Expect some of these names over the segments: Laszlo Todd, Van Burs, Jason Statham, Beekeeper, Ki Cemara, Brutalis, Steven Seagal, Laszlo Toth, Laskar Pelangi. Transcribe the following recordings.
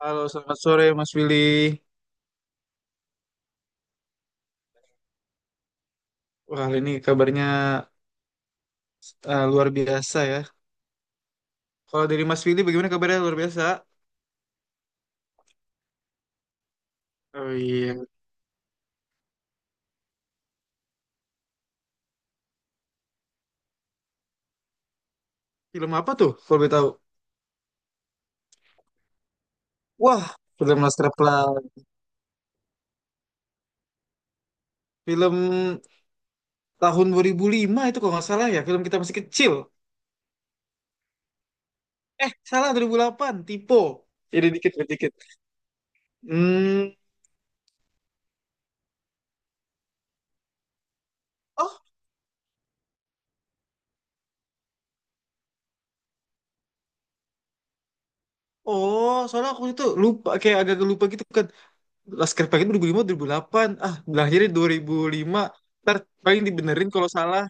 Halo, selamat sore Mas Willy. Wah, hari ini kabarnya luar biasa ya. Kalau dari Mas Willy bagaimana kabarnya luar biasa? Oh iya. Film apa tuh kalau boleh tahu? Wah, film Laskar Pelangi. Film tahun 2005 itu kalau nggak salah ya, film kita masih kecil. Eh, salah 2008, typo. Ini dikit, dikit. Hmm. Oh, oh, soalnya aku itu lupa, kayak agak lupa gitu kan. Laskar Pelangi itu 2005, 2008. Ah, lahirnya 2005. Ntar paling dibenerin kalau salah.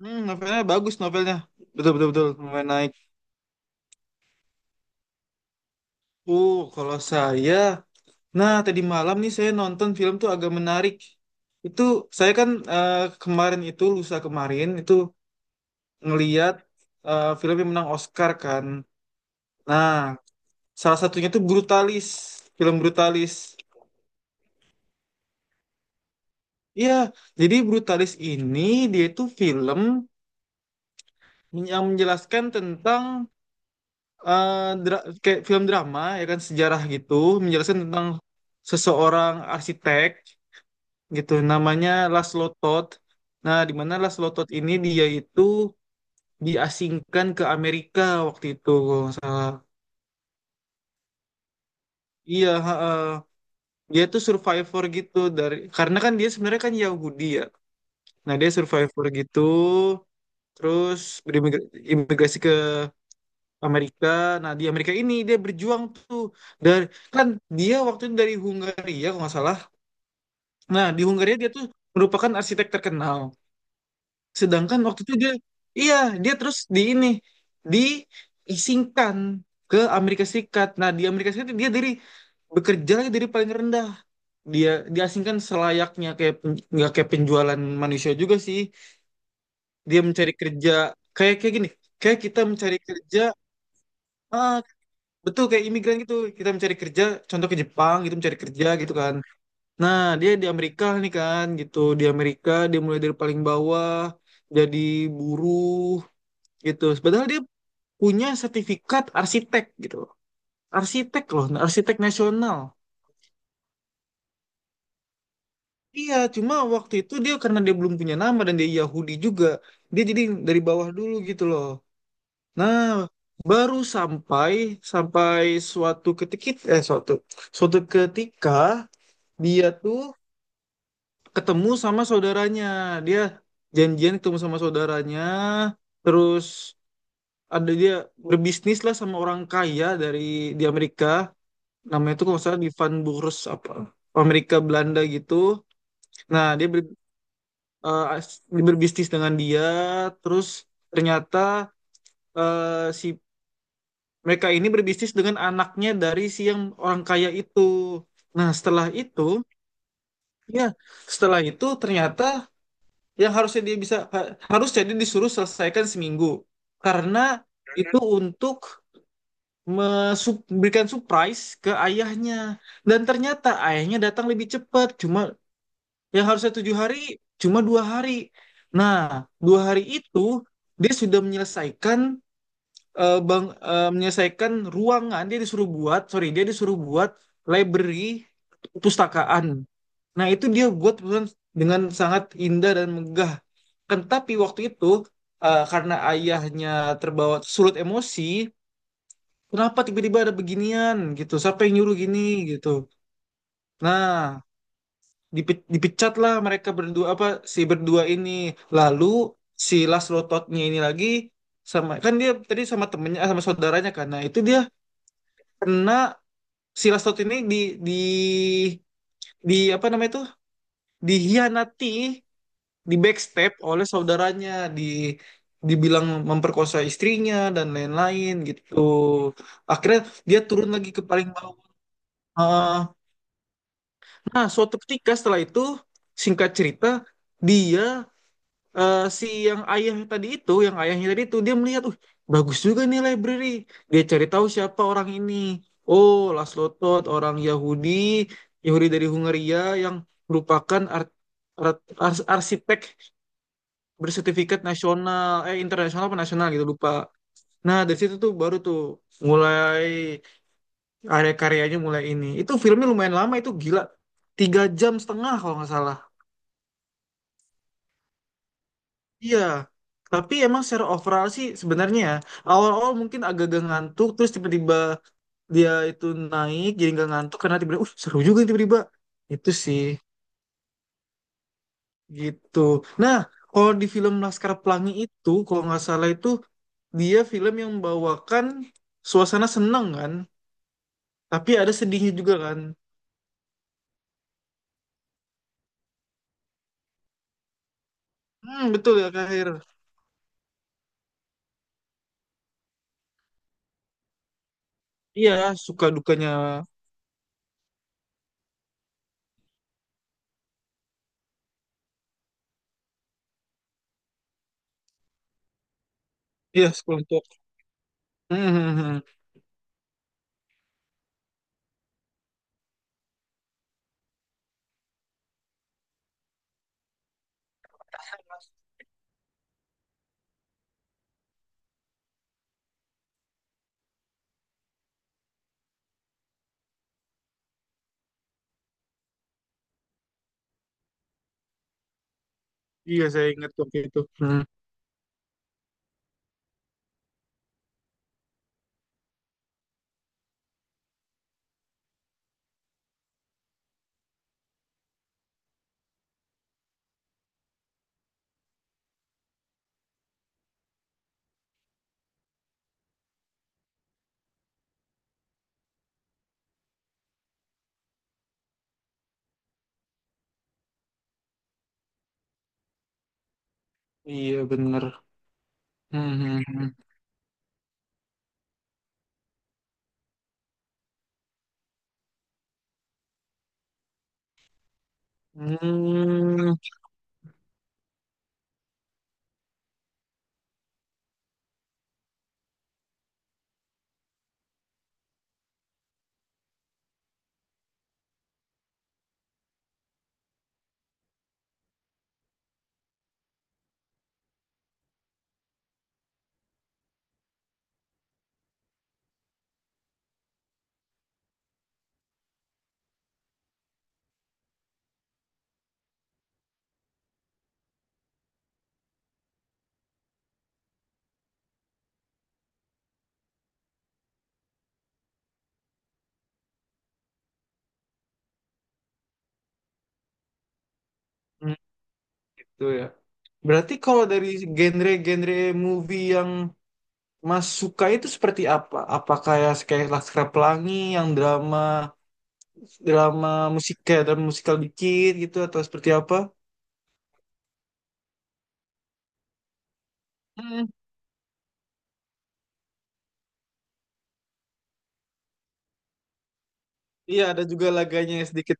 Hmm, novelnya bagus novelnya. Betul, betul, betul, novel naik. Kalau saya, nah tadi malam nih saya nonton film tuh agak menarik. Itu saya kan kemarin itu lusa kemarin itu ngeliat film yang menang Oscar kan. Nah, salah satunya tuh Brutalis, film Brutalis. Iya, jadi Brutalis ini dia itu film yang menjelaskan tentang eh, kayak film drama ya kan sejarah gitu, menjelaskan tentang seseorang arsitek gitu namanya Laszlo Todd. Nah, di mana Laszlo Todd ini dia itu diasingkan ke Amerika waktu itu kalau nggak salah. Iya, ha, ha. Dia tuh survivor gitu dari, karena kan dia sebenarnya kan Yahudi ya. Nah, dia survivor gitu terus berimigrasi ke Amerika. Nah, di Amerika ini dia berjuang tuh dari, kan dia waktu itu dari Hungaria kalau nggak salah. Nah, di Hungaria dia tuh merupakan arsitek terkenal. Sedangkan waktu itu dia, iya, dia terus di ini, diisingkan ke Amerika Serikat. Nah, di Amerika Serikat dia dari bekerja lagi dari paling rendah. Dia diasingkan selayaknya kayak nggak kayak penjualan manusia juga sih. Dia mencari kerja kayak kayak gini, kayak kita mencari kerja, ah, betul kayak imigran gitu. Kita mencari kerja, contoh ke Jepang gitu mencari kerja gitu kan. Nah, dia di Amerika nih kan gitu. Di Amerika dia mulai dari paling bawah jadi buruh gitu. Padahal dia punya sertifikat arsitek gitu, loh. Arsitek loh, arsitek nasional. Iya, cuma waktu itu dia karena dia belum punya nama dan dia Yahudi juga, dia jadi dari bawah dulu gitu loh. Nah, baru sampai sampai suatu ketika, eh suatu suatu ketika dia tuh ketemu sama saudaranya, dia janjian ketemu sama saudaranya, terus ada dia berbisnis lah sama orang kaya di Amerika. Namanya itu kalau nggak salah di Van Burs apa, Amerika Belanda gitu. Nah dia dia berbisnis dengan dia, terus ternyata eh, si mereka ini berbisnis dengan anaknya dari si yang orang kaya itu. Nah ya setelah itu ternyata yang harusnya dia bisa harusnya dia disuruh selesaikan seminggu, karena itu untuk memberikan surprise ke ayahnya, dan ternyata ayahnya datang lebih cepat. Cuma yang harusnya 7 hari cuma 2 hari. Nah, 2 hari itu dia sudah menyelesaikan, menyelesaikan ruangan dia disuruh buat sorry dia disuruh buat library, pustakaan. Nah, itu dia buat perusahaan dengan sangat indah dan megah. Kan tapi waktu itu, karena ayahnya terbawa sulut emosi, kenapa tiba-tiba ada beginian gitu? Siapa yang nyuruh gini gitu? Nah, dipecatlah mereka berdua, apa, si berdua ini. Lalu si Laszlo Todd-nya ini lagi sama, kan dia tadi sama temennya, sama saudaranya kan. Nah, itu dia kena, si Laszlo Todd ini di di apa namanya itu, dihianati, di backstep oleh saudaranya, di dibilang memperkosa istrinya dan lain-lain gitu. Akhirnya dia turun lagi ke paling bawah. Ah, nah suatu ketika setelah itu, singkat cerita, dia, eh, si yang ayah tadi itu yang ayahnya tadi itu dia melihat, bagus juga nih library. Dia cari tahu siapa orang ini. Oh, Laszlo Toth, orang Yahudi, Yahudi dari Hungaria, yang merupakan ar- arsitek bersertifikat nasional, internasional apa nasional gitu, lupa. Nah dari situ tuh baru tuh mulai, area karyanya mulai ini itu. Filmnya lumayan lama itu, gila, 3,5 jam kalau nggak salah. Iya, tapi emang secara overall sih sebenarnya ya, awal-awal mungkin agak-agak ngantuk, terus tiba-tiba dia itu naik jadi nggak ngantuk karena tiba-tiba, seru juga nih tiba-tiba. Itu sih gitu. Nah, kalau di film Laskar Pelangi itu kalau nggak salah itu dia film yang membawakan suasana senang kan, tapi ada sedihnya juga kan. Hmm, betul ya Kak Hair. Iya, suka dukanya. Iya, sekelompok. Hmm, hmm, hmm, hmm. Iya, saya ingat waktu itu. Hmm. Iya, bener. Hmm, hmm, hmm. Hmm, hmm. Gitu ya. Berarti kalau dari genre-genre movie yang Mas suka itu seperti apa? Apa kayak kayak Laskar Pelangi yang drama drama musik, kayak drama musikal dikit gitu, atau seperti apa? Iya, ada juga laganya yang sedikit.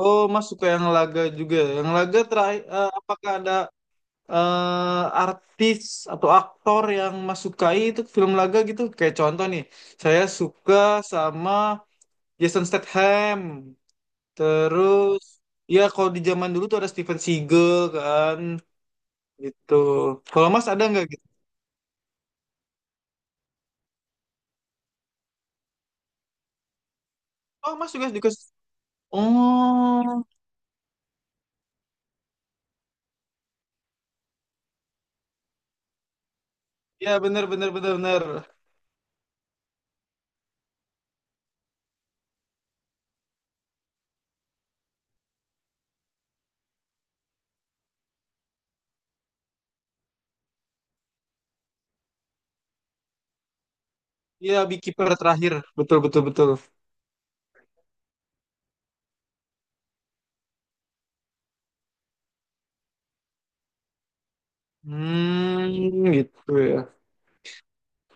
Oh, Mas suka yang laga juga. Yang laga terakhir, apakah ada artis atau aktor yang Mas sukai itu film laga gitu? Kayak contoh nih, saya suka sama Jason Statham. Terus, ya kalau di zaman dulu tuh ada Steven Seagal kan, gitu. Kalau Mas ada nggak gitu? Oh, Mas juga juga. Oh, ya benar, benar, benar, benar. Iya, Beekeeper terakhir. Betul, betul, betul. Hmm, gitu ya.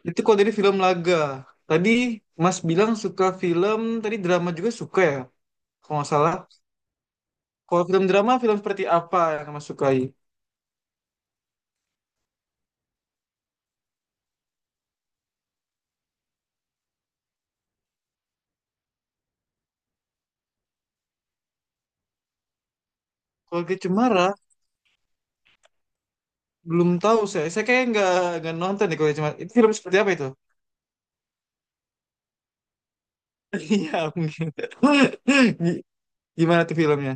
Itu kalau dari film laga. Tadi Mas bilang suka film, tadi drama juga suka ya, kalau nggak salah. Kalau film drama, film seperti apa yang Mas sukai? Kalau Ki Cemara, belum tahu saya. Saya kayak nggak nonton deh kalau Ki Cemara. Itu film seperti apa itu? Iya, mungkin. Gi- Gimana tuh filmnya?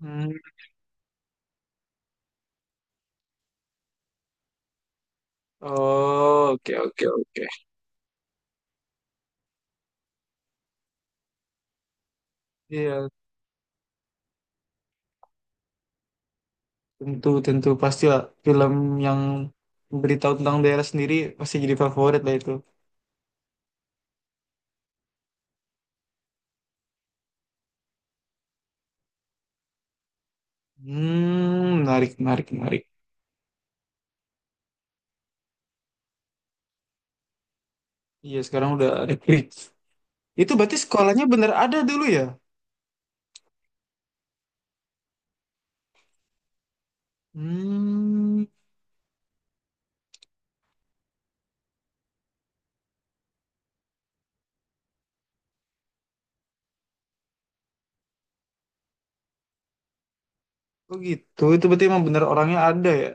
Hmm. Oh, oke, oke, oke. Iya, tentu, tentu. Pasti lah film yang beritahu tentang daerah sendiri pasti jadi favorit lah itu. Hmm, menarik, menarik, menarik. Iya, sekarang udah ada klik. Itu berarti sekolahnya bener ada dulu ya? Hmm, oh gitu. Itu berarti emang bener orangnya ada ya?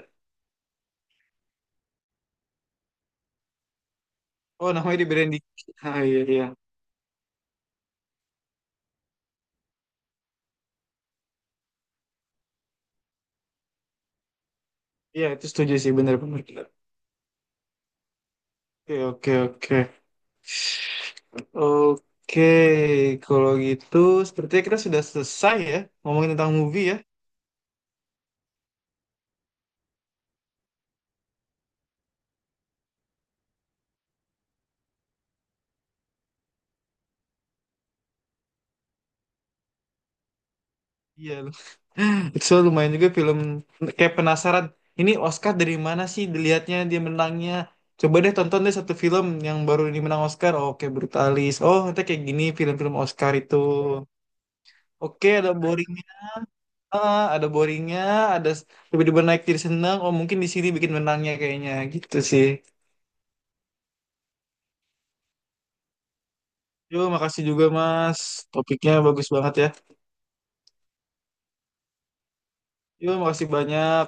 Oh, namanya diberain di... Ah, iya, iya. Iya, itu setuju sih, bener, bener, bener. Oke, oke, oke. Oke, kalau gitu sepertinya kita sudah selesai ya ngomongin tentang movie ya. Iya, so, lumayan juga film, kayak penasaran. Ini Oscar dari mana sih dilihatnya dia menangnya? Coba deh tonton deh satu film yang baru ini menang Oscar. Oh, oke, Brutalis. Oh, nanti kayak gini film-film Oscar itu. Oke, ada boringnya, ah, ada boringnya, ada tiba-tiba naik jadi senang. Oh, mungkin di sini bikin menangnya kayaknya gitu sih. Yo, makasih juga Mas. Topiknya bagus banget ya. Yo, makasih banyak.